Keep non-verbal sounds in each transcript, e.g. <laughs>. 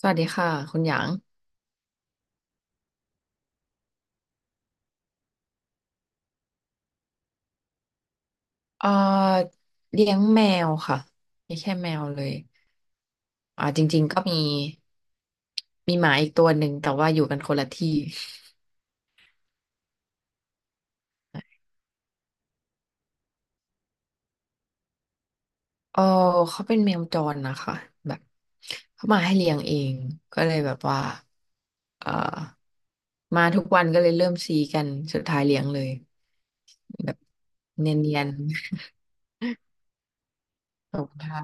สวัสดีค่ะคุณหยางเอ่อเลี้ยงแมวค่ะไม่แค่แมวเลยจริงๆก็มีหมาอีกตัวหนึ่งแต่ว่าอยู่กันคนละที่เออเขาเป็นแมวจรนะคะแบบเขามาให้เลี้ยงเองก็เลยแบบว่าเอ่อมาทุกวันก็เลยเริ่มซีกันสุดท้ายเลี้ยงเลยแบบเนียนๆ <laughs> ขอบคุณค่ะ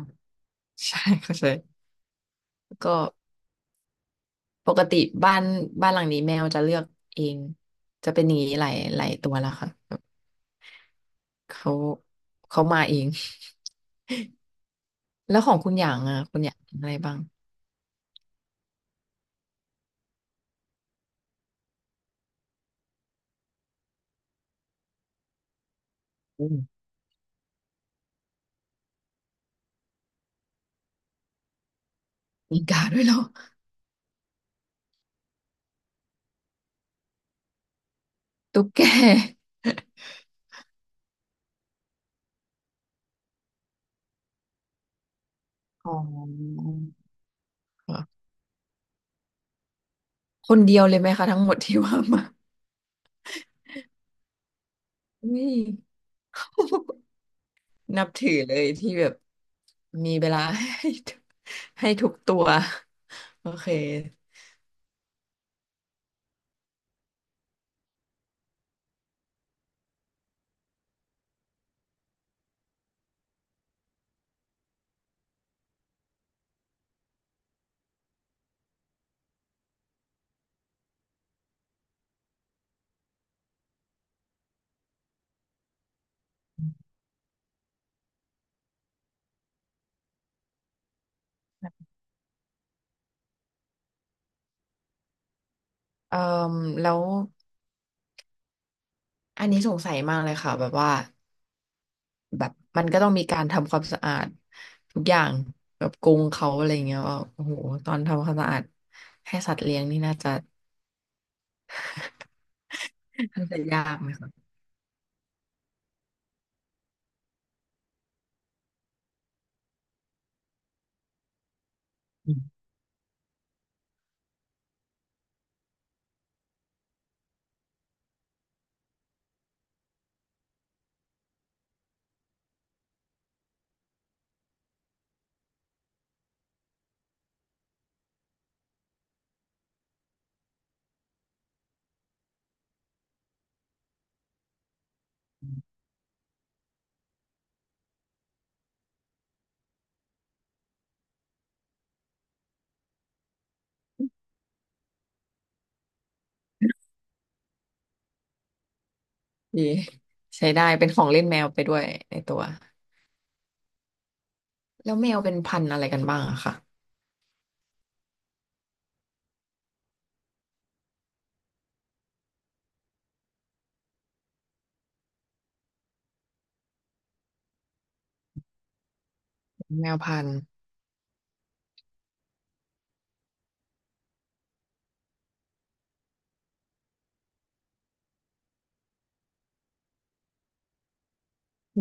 <laughs> ใช่เข้าใจก็ ปกติบ้านบ้านหลังนี้แมวจะเลือกเองจะเป็นอย่างนี้หลายหลายตัวแล้วค่ะแบบเขาเขามาเอง <laughs> แล้วของคุณอย่างอ่ะคุณอย่างอะไรบ้างอืมมีกาด้วยเหรอตุ๊กแกอ๋อค่ะคนเดียวเลยไหมคะทั้งหมดที่ว่ามา <laughs> อุ้ยนับถือเลยที่แบบมีเวลาให้ทุกตัวโอเคเอ่อแล้วอันนี้สงสัยมากเลยค่ะแบบว่า แบบมันก็ต้องมีการทำความสะอาดทุกอย่างแบบกรงเขาอะไรเงี้ยว่าโอ้โหตอนทำความสะอาดให้สัตว์เลี้ยงนี่น่าจะยากไหมคะอืมดีใช้ได้เป็นของเล่นแมวไปด้วยในตัวแล้วแมวเป็นพันธุ์อะไรกันบ้างอะคะแมวพันธุ์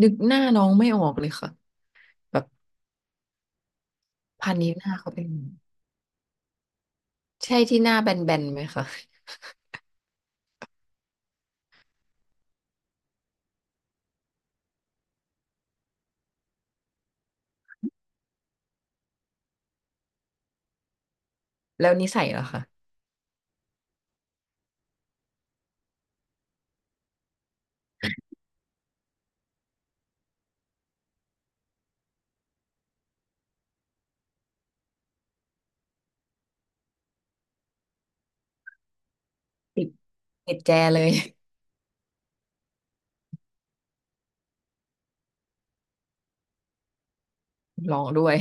นึกหน้าน้องไม่ออกเลยค่ะแบบพันธุ์นี้หน้าเขาเป็นยังไงใช่ที่หน้าแบนๆไหมคะแล้วนิสัยเหรอคะติดติดแจเลย <laughs> ลองด้วย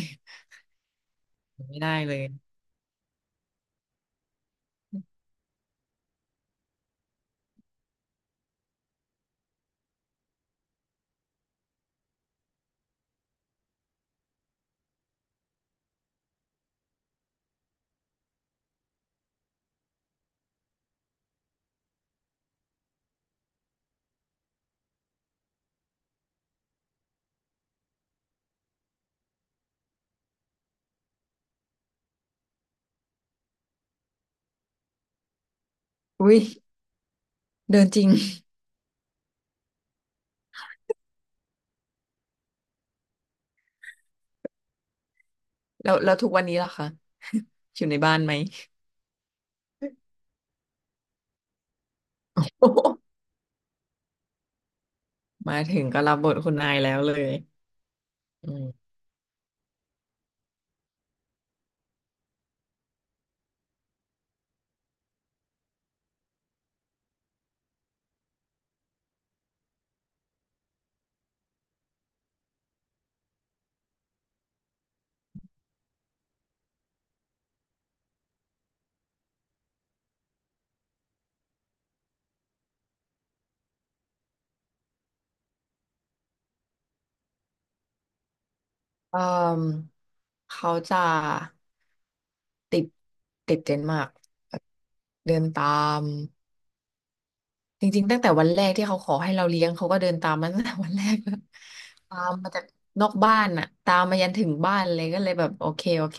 ไม่ได้เลยอุ้ยเดินจริง แล้วทุกวันนี้ล่ะคะ <laughs> อยู่ในบ้านไหม <laughs> มาถึงก็รับบทคุณนายแล้วเลยอืมเอ่มเขาจะติดติดเดนมาร์กแบบเดินตาม จริงๆตั้งแต่วันแรกที่เขาขอให้เราเลี้ยงเขาก็เดินตามมา <laughs> ตั้งแต่วันแรกแล้วตามมาจากนอกบ้านน่ะตามมายันถึงบ้านเลยก็เลยแบบโอเคโอเค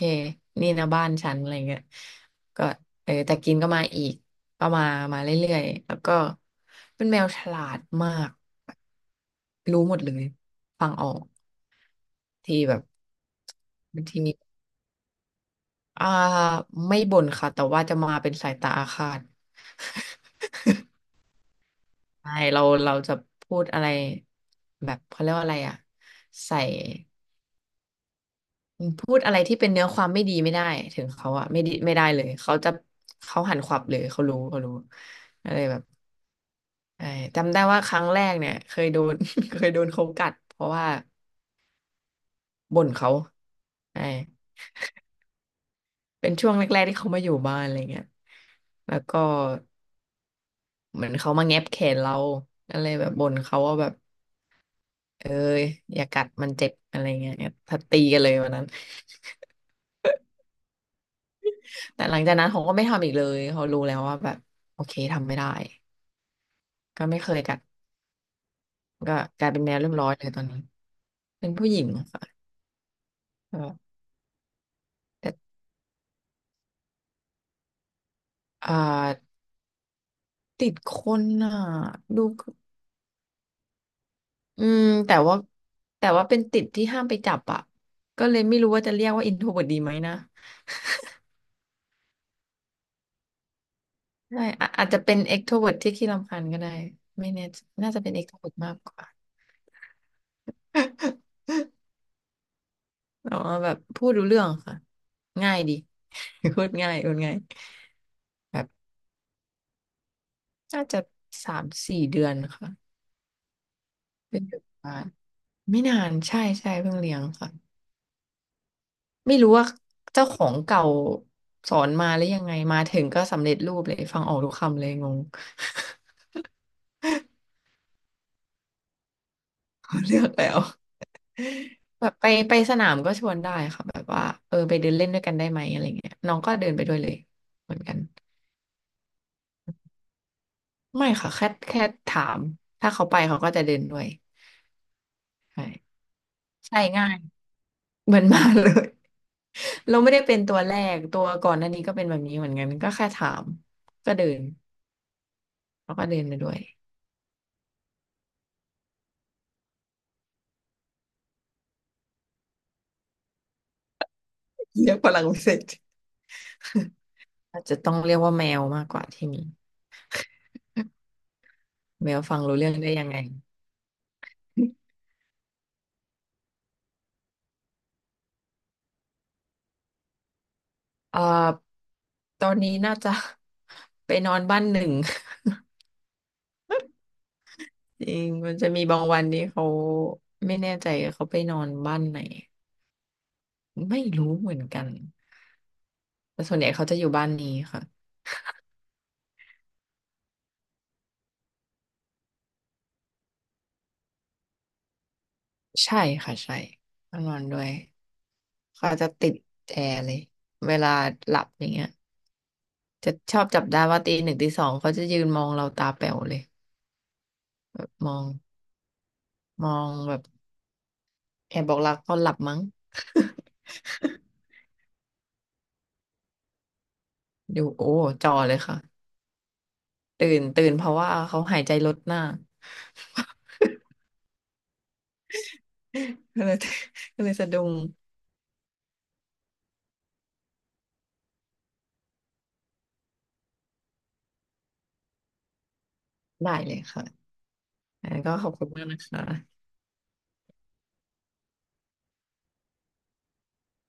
นี่นะบ้านฉันอะไรเงี้ยก็เออแต่กินก็มาอีกก็มาเรื่อยๆแล้วก็เป็นแมวฉลาดมากรู้หมดเลยฟังออกที่แบบบางทีมีอ่าไม่บ่นค่ะแต่ว่าจะมาเป็นสายตาอาฆาต ใช่เราจะพูดอะไรแบบเขาเรียกว่าอะไรอ่ะใส่พูดอะไรที่เป็นเนื้อความไม่ดีไม่ได้ถึงเขาอะไม่ดีไม่ได้เลยเขาจะเขาหันขวับเลยเขารู้เขารู้อะไรแบบใช่จำได้ว่าครั้งแรกเนี่ยเคยโดน <laughs> เคยโดนเขากัดเพราะว่าบ่นเขาใช่เป็นช่วงแรกๆที่เขามาอยู่บ้านอะไรเงี้ยแล้วก็เหมือนเขามาแงบแขนเราอะไรแบบบ่นเขาว่าแบบเอ้ยอย่ากัดมันเจ็บอะไรเงี้ยถ้าตีกันเลยวันนั้น แต่หลังจากนั้นเขาก็ไม่ทำอีกเลยเขารู้แล้วว่าแบบโอเคทำไม่ได้ก็ไม่เคยกัดก็กลายเป็นแมวเรียบร้อยเลยตอนนี้เป็นผู้หญิงค่ะก็แต่อ่าติดคนอ่ะดูอืมแต่ว่าแต่ว่าเป็นติดที่ห้ามไปจับอ่ะก็เลยไม่รู้ว่าจะเรียกว่าอินโทรเวิร์ดีไหมนะใช่อาจจะเป็นเอ t กโทรเวร์ที่ขี้รำคาญก็ได้ไม่แน่ใจน่าจะเป็นเอกโทเวร์มากกว่า <laughs> แต่ว่าแบบพูดรู้เรื่องค่ะง่ายดี <laughs> พูดง่ายพูดง่าย น่าจะ3-4 เดือนค่ะเป็นเดือนกว่านไม่นานใช่ใช่เพิ่งเลี้ยงค่ะไม่รู้ว่าเจ้าของเก่าสอนมาแล้วยังไงมาถึงก็สำเร็จรูปเลยฟังออกทุกคำเลยงง <laughs> เลือกแล้วแบบไปสนามก็ชวนได้ค่ะแบบว่าเออไปเดินเล่นด้วยกันได้ไหมอะไรเงี้ยน้องก็เดินไปด้วยเลยเหมือนกันไม่ค่ะแค่ถามถ้าเขาไปเขาก็จะเดินด้วยใช่ใช่ง่ายเหมือนมาเลย เราไม่ได้เป็นตัวแรกตัวก่อนหน้านี้ก็เป็นแบบนี้เหมือนกันก็แค่ถามก็เดินแล้วก็เดินไปด้วยเรียกพลังวิเศษอาจจะต้องเรียกว่าแมวมากกว่าที่มีแมวฟังรู้เรื่องได้ยังไงเอ่อตอนนี้น่าจะ <laughs> ไปนอนบ้านหนึ่ง <laughs> จริงมันจะมีบางวันนี้เขาไม่แน่ใจเขาไปนอนบ้านไหนไม่รู้เหมือนกันแต่ส่วนใหญ่เขาจะอยู่บ้านนี้ค่ะใช่ค่ะใช่ต้องนอนด้วย เขาจะติดแอร์เลยเวลาหลับอย่างเงี้ยจะชอบจับได้ว่าตีหนึ่งตีสองเขาจะยืนมองเราตาแป๋วเลยแบบมองมองแบบแอบบอกรักตอนหลับมั้ง <laughs> อยูโอ้จอเลยค่ะตื่นเพราะว่าเขาหายใจลดหน้า <laughs> ก็เลย <laughs> ก็เลยสะดุ้งได้เลยค่ะอั้นก็ขอบคุณมากนะคะ